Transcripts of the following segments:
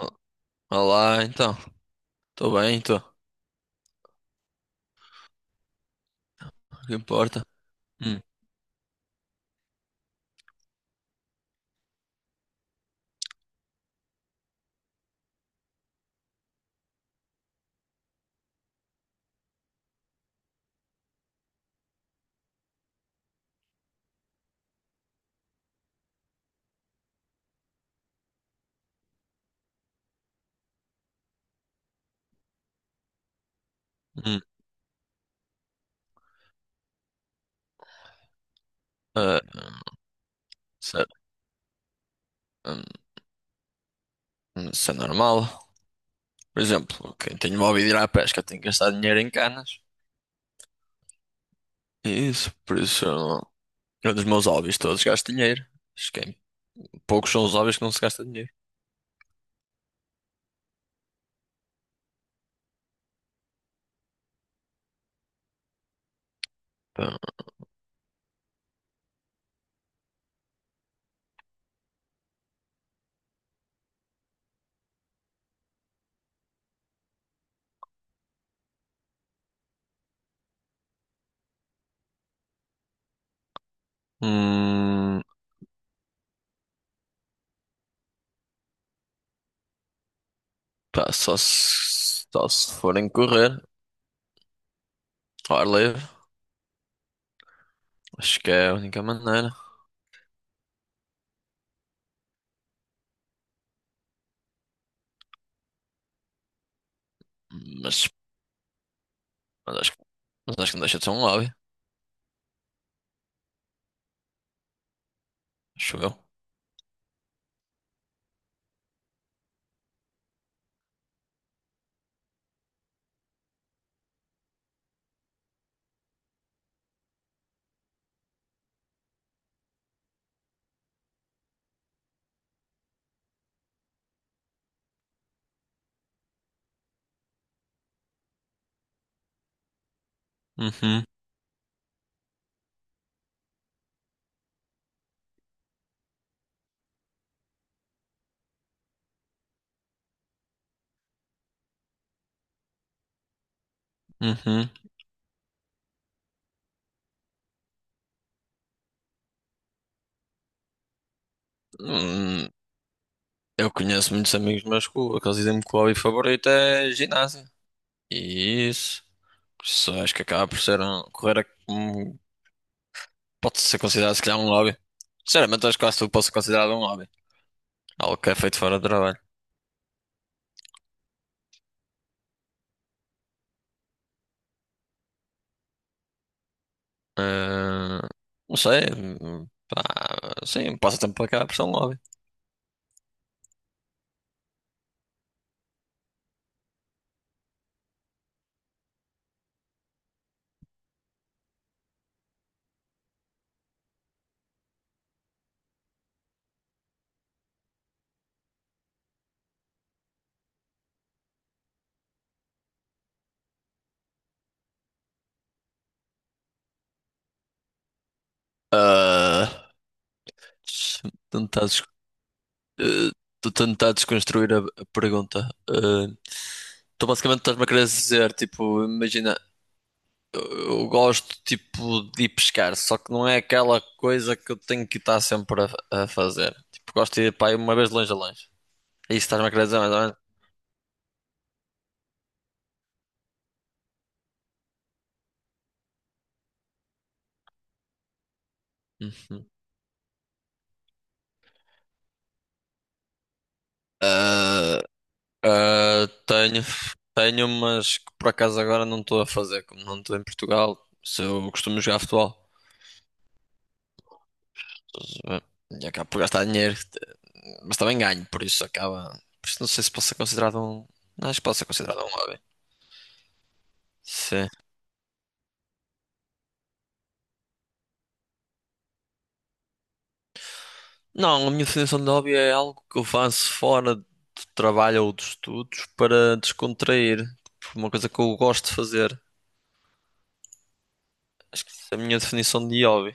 O- Olá, então. Tô bem, tô. O que importa? Hum, hum, ah, hum, isso é, hum, isso é normal. Por exemplo, quem tem um hobby de ir à pesca tem que gastar dinheiro em canas. É isso, eu dos meus hobbies todos gasto dinheiro. Acho que é- Poucos são os hobbies que não se gasta dinheiro. Pá, hum, Pá, só se forem correr ao ar livre. Acho que é a única maneira. Mas, mas acho, que- mas acho que não deixa de ser um hobby. Acho eu. Uhum, uhum. Hum, eu conheço muitos amigos meus aqueles dizem-me que o hobby favorito é ginásio. E isso acho que acaba por ser um, pode ser considerado se calhar um hobby. Sinceramente, acho que quase tudo pode ser considerado um hobby. Algo que é feito fora do trabalho. Ah, não sei, pá, sim, um passatempo acaba por ser um hobby. Ah, tentar, des- eh, Tô tentar desconstruir a pergunta. Tu basicamente estás-me a querer dizer, tipo, imagina. Eu gosto tipo de ir pescar, só que não é aquela coisa que eu tenho que estar sempre a fazer. Tipo, gosto de ir para aí uma vez de longe a longe. É isso que estás-me a querer dizer, mais ou menos? Uhum. Ah, ah, tenho, Tenho, mas que por acaso agora não estou a fazer, como não estou em Portugal. Se eu costumo jogar futebol, e acabo por gastar dinheiro, mas também ganho, por isso acaba. Por isso não sei se posso ser considerado um. Não acho que posso ser considerado um hobby. Sim. Não, a minha definição de hobby é algo que eu faço fora do trabalho ou dos estudos para descontrair. Tipo, uma coisa que eu gosto de fazer. Acho que essa é a minha definição de hobby.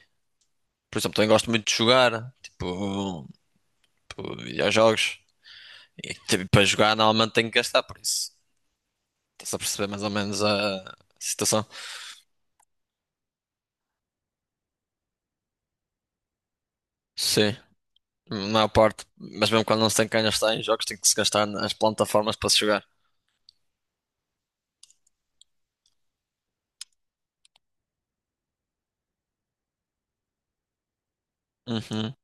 Por exemplo, também gosto muito de jogar, tipo videojogos. E tipo, para jogar normalmente tenho que gastar, por isso. Estás a perceber mais ou menos a situação? Sim, na maior parte. Mas mesmo quando não se tem que gastar em jogos, tem que se gastar nas plataformas para se jogar. Uhum,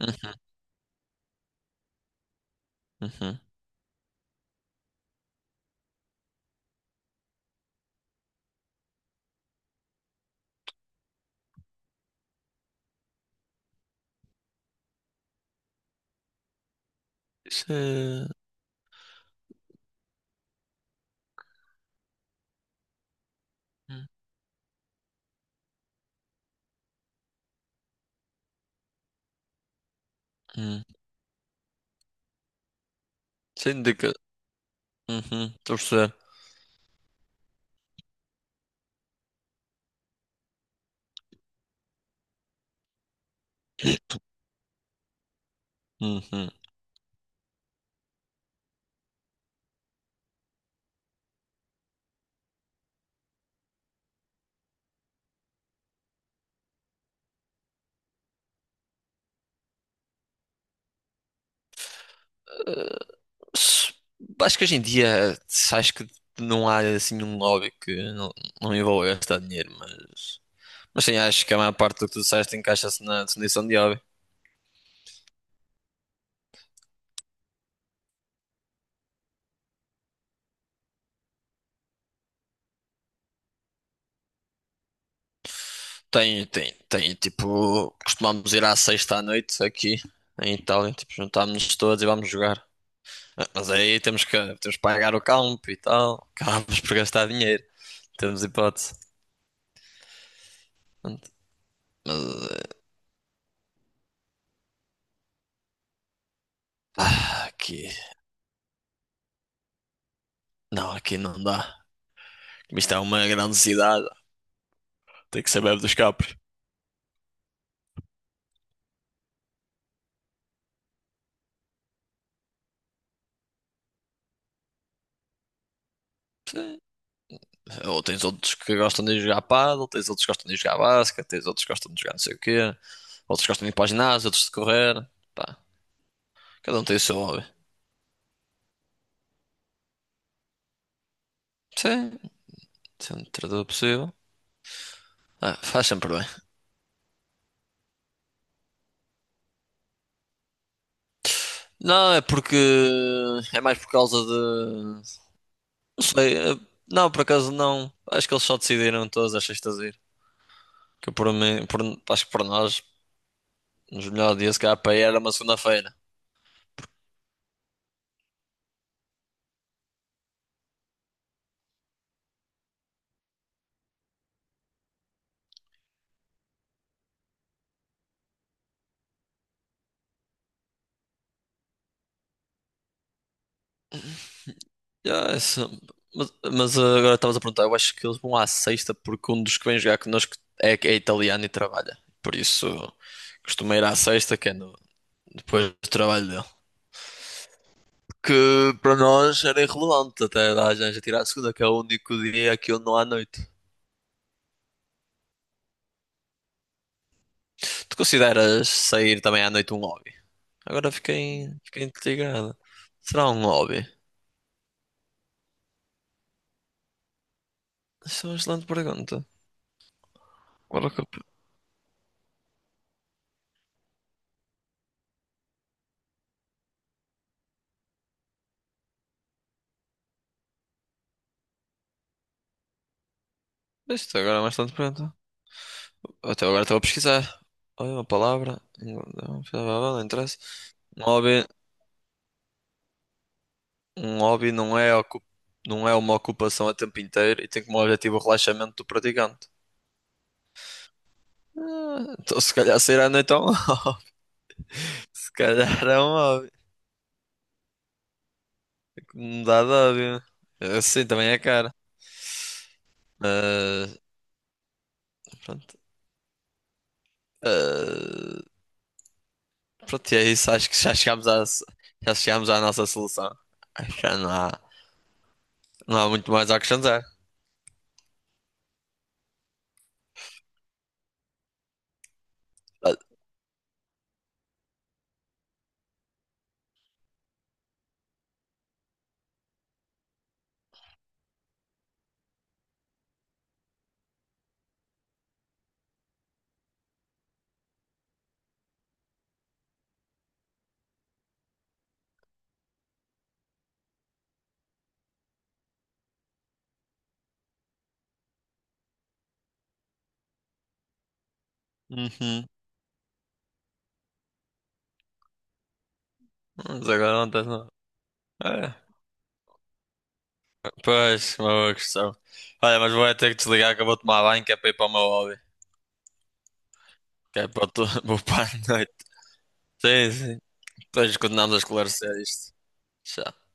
uhum, uhum. Isso é- Hum. Sem Uhum, estou a perceber. Uhum. Mas Acho que hoje em dia, acho que não há assim um hobby que não, não envolva gastar dinheiro, mas sim, acho que a maior parte do que tu disseste encaixa-se na definição de hobby. Tem, tipo, costumamos ir à sexta à noite aqui em Itália, tipo, juntámos-nos todos e vamos jogar. Ah, mas aí temos que pagar o campo e tal, acabamos por gastar dinheiro, temos hipótese. Mas ah, aqui, não, aqui não dá. Mas isto é uma grande cidade, tem que saber dos capos. Ou tens outros que gostam de ir jogar pádel, tens outros que gostam de ir jogar basquete, tens outros que gostam de jogar não sei o quê, outros que gostam de ir para o ginásio, outros de correr. Pá, cada um tem o seu hobby. Sim, sendo tradutor possível. Ah, faz sempre bem. Não, é porque. É mais por causa de. Não sei. Não, por acaso não. Acho que eles só decidiram todas as sextas ir. Que por mim, por- Acho que por nós, nos melhores dias, se calhar para ir era uma segunda-feira. Ah, isso- mas, ah, agora estavas a perguntar, eu acho que eles vão à sexta porque um dos que vem jogar connosco é italiano e trabalha. Por isso costuma ir à sexta, que é no- depois do trabalho dele. Que para nós era irrelevante até dar a gente a tirar a segunda, que é o único dia que eu não há noite. Tu consideras sair também à noite um hobby? Fiquei intrigado. Será um hobby? Isso é uma excelente pergunta. Agora que eu... Isto agora é uma excelente pergunta. Até agora estou a pesquisar. Olha uma palavra. Não, não interessa. Um hobby, Um hobby não é uma ocupação a tempo inteiro e tem como objetivo o relaxamento do praticante. Ah, então se calhar sair à noite é um hobby. Se calhar é um hobby. Me de hobby. Assim também é cara. Mas, pronto. Ah, pronto, e é isso. Acho que já chegámos à nossa solução. Acho que já não há, não há muito mais a acrescentar. Ah, uhum. Mas agora não tens nada. É, pois, uma questão. Olha, mas vou é ter que desligar que eu vou tomar banho, que é para ir para o meu hobby. Que é para o teu- Vou para a noite. Sim, sim. Depois continuamos a esclarecer isto. Tchau.